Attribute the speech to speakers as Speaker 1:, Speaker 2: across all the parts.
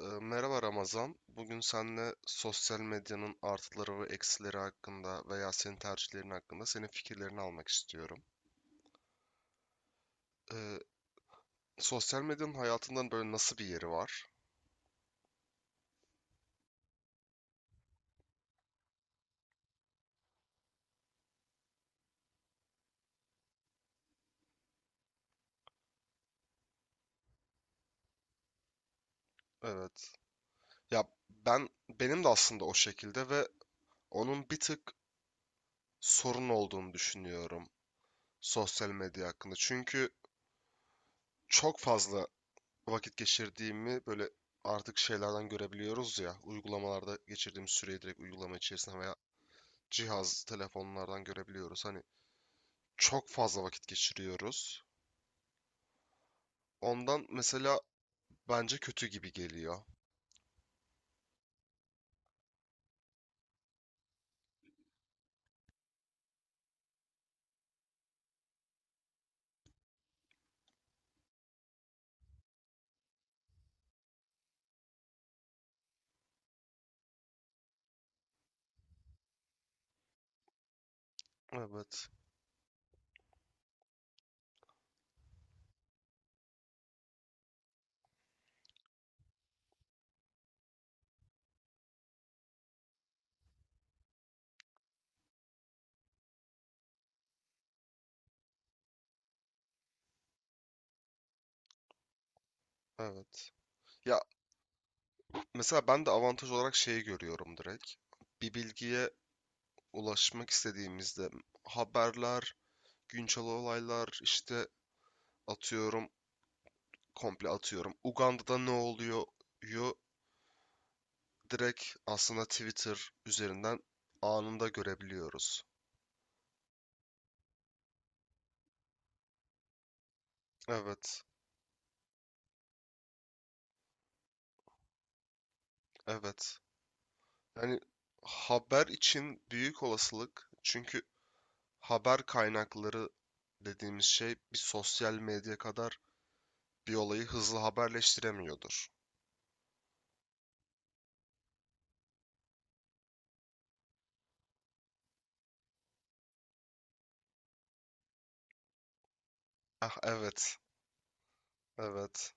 Speaker 1: Merhaba Ramazan. Bugün seninle sosyal medyanın artıları ve eksileri hakkında veya senin tercihlerin hakkında senin fikirlerini almak istiyorum. Ee, sosyal medyanın hayatından böyle nasıl bir yeri var? Evet. Ya benim de aslında o şekilde ve onun bir tık sorun olduğunu düşünüyorum sosyal medya hakkında. Çünkü çok fazla vakit geçirdiğimi böyle artık şeylerden görebiliyoruz ya, uygulamalarda geçirdiğim süreyi direkt uygulama içerisinde veya cihaz, telefonlardan görebiliyoruz. Hani çok fazla vakit geçiriyoruz. Ondan mesela bence kötü gibi geliyor. Evet, evet. Ya mesela ben de avantaj olarak şeyi görüyorum direkt. Bir bilgiye ulaşmak istediğimizde haberler, güncel olaylar, işte atıyorum, komple atıyorum. Uganda'da ne oluyor? yu Direkt aslında Twitter üzerinden anında görebiliyoruz. Evet, evet. Yani haber için büyük olasılık, çünkü haber kaynakları dediğimiz şey bir sosyal medya kadar bir olayı hızlı haberleştiremiyordur. Ah evet, evet.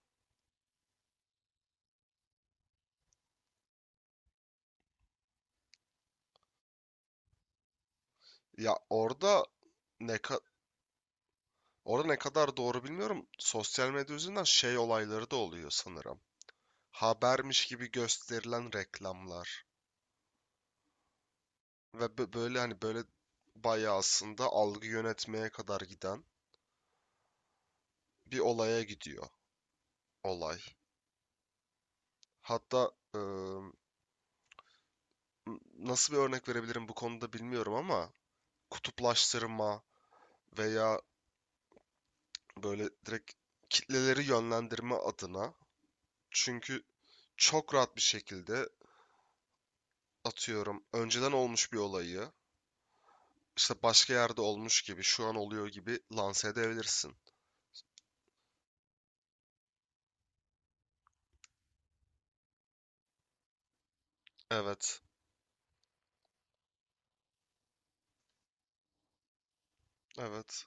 Speaker 1: Ya orada ne ka- orada ne kadar doğru bilmiyorum. Sosyal medya üzerinden şey olayları da oluyor sanırım. Habermiş gibi gösterilen reklamlar ve böyle, hani böyle bayağı aslında algı yönetmeye kadar giden bir olaya gidiyor olay. Hatta nasıl bir örnek verebilirim bu konuda bilmiyorum, ama kutuplaştırma veya böyle direkt kitleleri yönlendirme adına, çünkü çok rahat bir şekilde atıyorum önceden olmuş bir olayı işte başka yerde olmuş gibi, şu an oluyor gibi lanse edebilirsin. Evet, evet.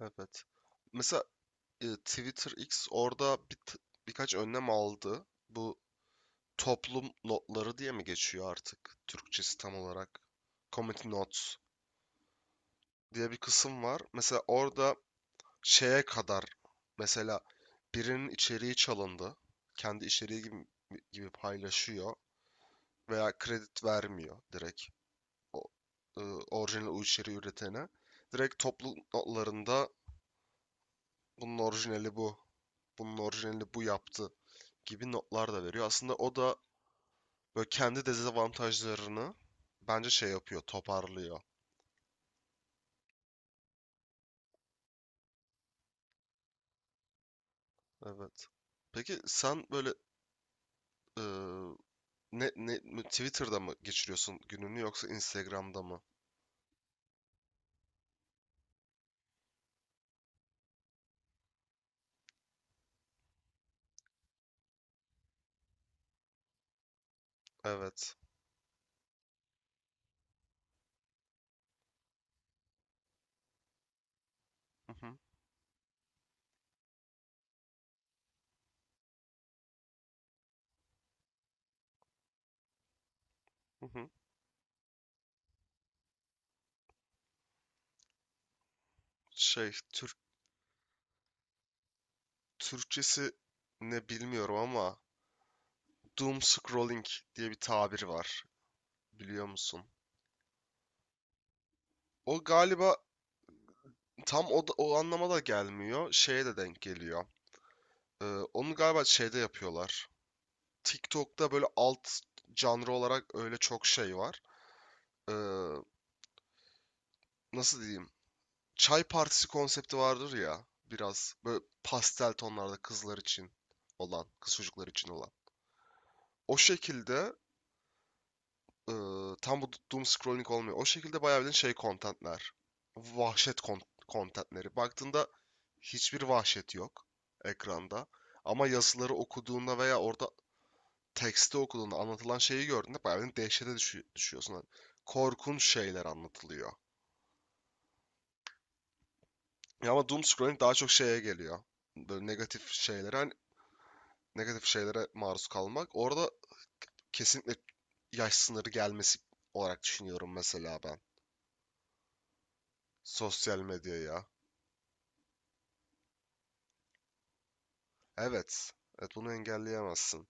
Speaker 1: Evet. Mesela Twitter X orada birkaç önlem aldı. Bu toplum notları diye mi geçiyor artık Türkçesi tam olarak? Community Notes diye bir kısım var. Mesela orada şeye kadar, mesela birinin içeriği çalındı. Kendi içeriği gibi, gibi paylaşıyor veya kredi vermiyor direkt o, e, orijinal o içeriği üretene. Direkt toplum notlarında bunun orijinali bu, bunun orijinali bu yaptı gibi notlar da veriyor. Aslında o da böyle kendi dezavantajlarını bence şey yapıyor, toparlıyor. Evet. Peki sen böyle e, ne Twitter'da mı geçiriyorsun gününü, yoksa Instagram'da mı? Evet. Hı hı, hı hı. Şey. Türkçesi ne bilmiyorum ama doom scrolling diye bir tabir var. Biliyor musun? O galiba tam o anlama da gelmiyor. Şeye de denk geliyor. Ee, Onu galiba şeyde yapıyorlar. TikTok'ta böyle alt, canlı olarak öyle çok şey var. Ee, nasıl diyeyim? Çay partisi konsepti vardır ya. Biraz böyle pastel tonlarda kızlar için olan, kız çocuklar için olan. O şekilde e, tam bu doom scrolling olmuyor. O şekilde bayağı bildiğin şey contentler. Vahşet kon- contentleri. Baktığında hiçbir vahşet yok ekranda. Ama yazıları okuduğunda veya orada tekste okuduğunda anlatılan şeyi gördüğünde bayağı bir dehşete düşüyorsun. Hani korkunç şeyler anlatılıyor. Ya ama doom scrolling daha çok şeye geliyor. Böyle negatif şeylere, hani negatif şeylere maruz kalmak. Orada kesinlikle yaş sınırı gelmesi olarak düşünüyorum mesela ben. Sosyal medyaya. Evet. Evet, bunu engelleyemezsin.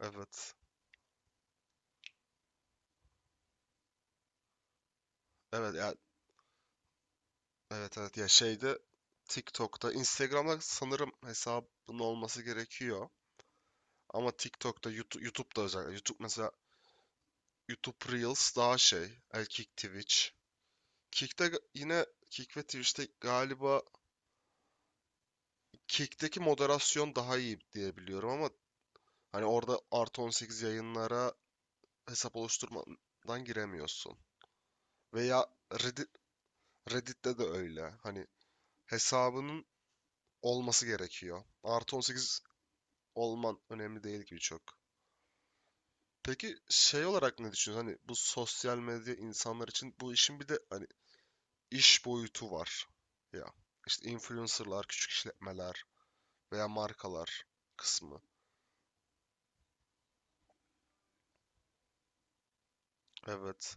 Speaker 1: Evet. Evet ya, evet, evet ya, şeyde TikTok'ta, Instagram'da sanırım hesabın olması gerekiyor. Ama TikTok'ta, YouTube, YouTube'da özellikle. YouTube mesela, YouTube Reels daha şey. El Kick Twitch. Kick'te, yine Kick ve Twitch'te galiba Kick'teki moderasyon daha iyi diye biliyorum, ama hani orada artı 18 yayınlara hesap oluşturmadan giremiyorsun. Veya Reddit, Reddit'te de öyle. Hani hesabının olması gerekiyor. Artı 18 olman önemli değil gibi çok. Peki şey olarak ne düşünüyorsun? Hani bu sosyal medya insanlar için, bu işin bir de hani iş boyutu var. Ya işte influencerlar, küçük işletmeler veya markalar kısmı. Evet.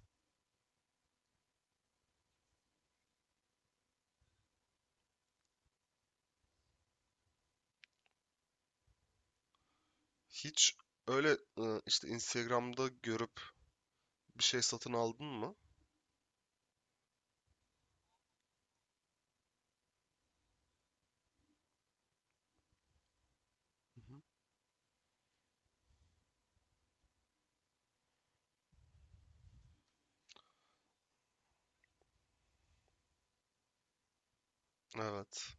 Speaker 1: Hiç öyle işte Instagram'da görüp bir şey satın aldın mı? Hı hı. Evet.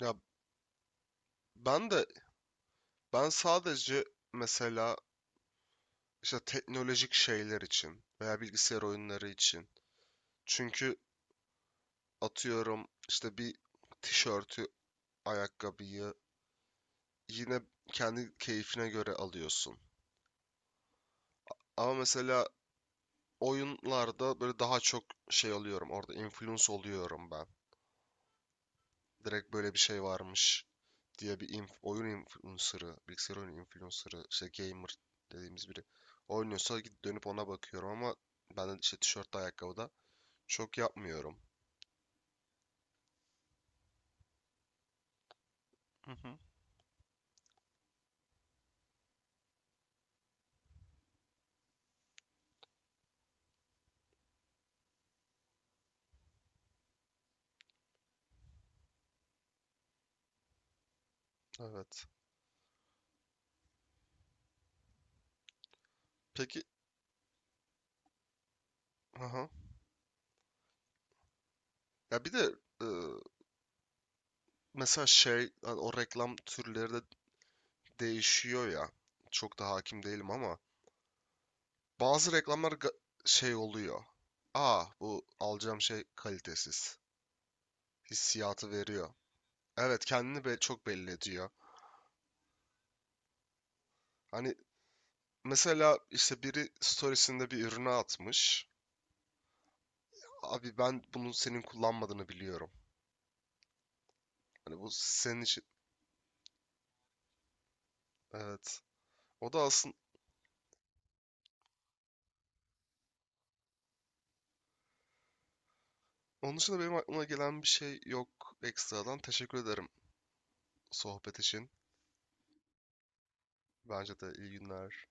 Speaker 1: Ya ben de, ben sadece mesela işte teknolojik şeyler için veya bilgisayar oyunları için. Çünkü atıyorum işte bir tişörtü, ayakkabıyı yine kendi keyfine göre alıyorsun. Ama mesela oyunlarda böyle daha çok şey alıyorum. Orada influence oluyorum ben. Direkt böyle bir şey varmış diye oyun influencer'ı, bilgisayar oyunu influencer'ı, işte gamer dediğimiz biri oynuyorsa gidip dönüp ona bakıyorum, ama ben de işte tişörtte, ayakkabıda çok yapmıyorum. Evet. Peki, aha. Ya bir de e, mesela şey, hani o reklam türleri de değişiyor ya. Çok da hakim değilim ama bazı reklamlar şey oluyor. Aa, bu alacağım şey kalitesiz hissiyatı veriyor. Evet, kendini çok belli ediyor. Hani mesela işte biri storiesinde bir ürünü atmış. Abi, ben bunun senin kullanmadığını biliyorum. Hani bu senin için, evet. O da aslında, onun dışında benim aklıma gelen bir şey yok ekstradan. Teşekkür ederim sohbet için. Bence de, iyi günler.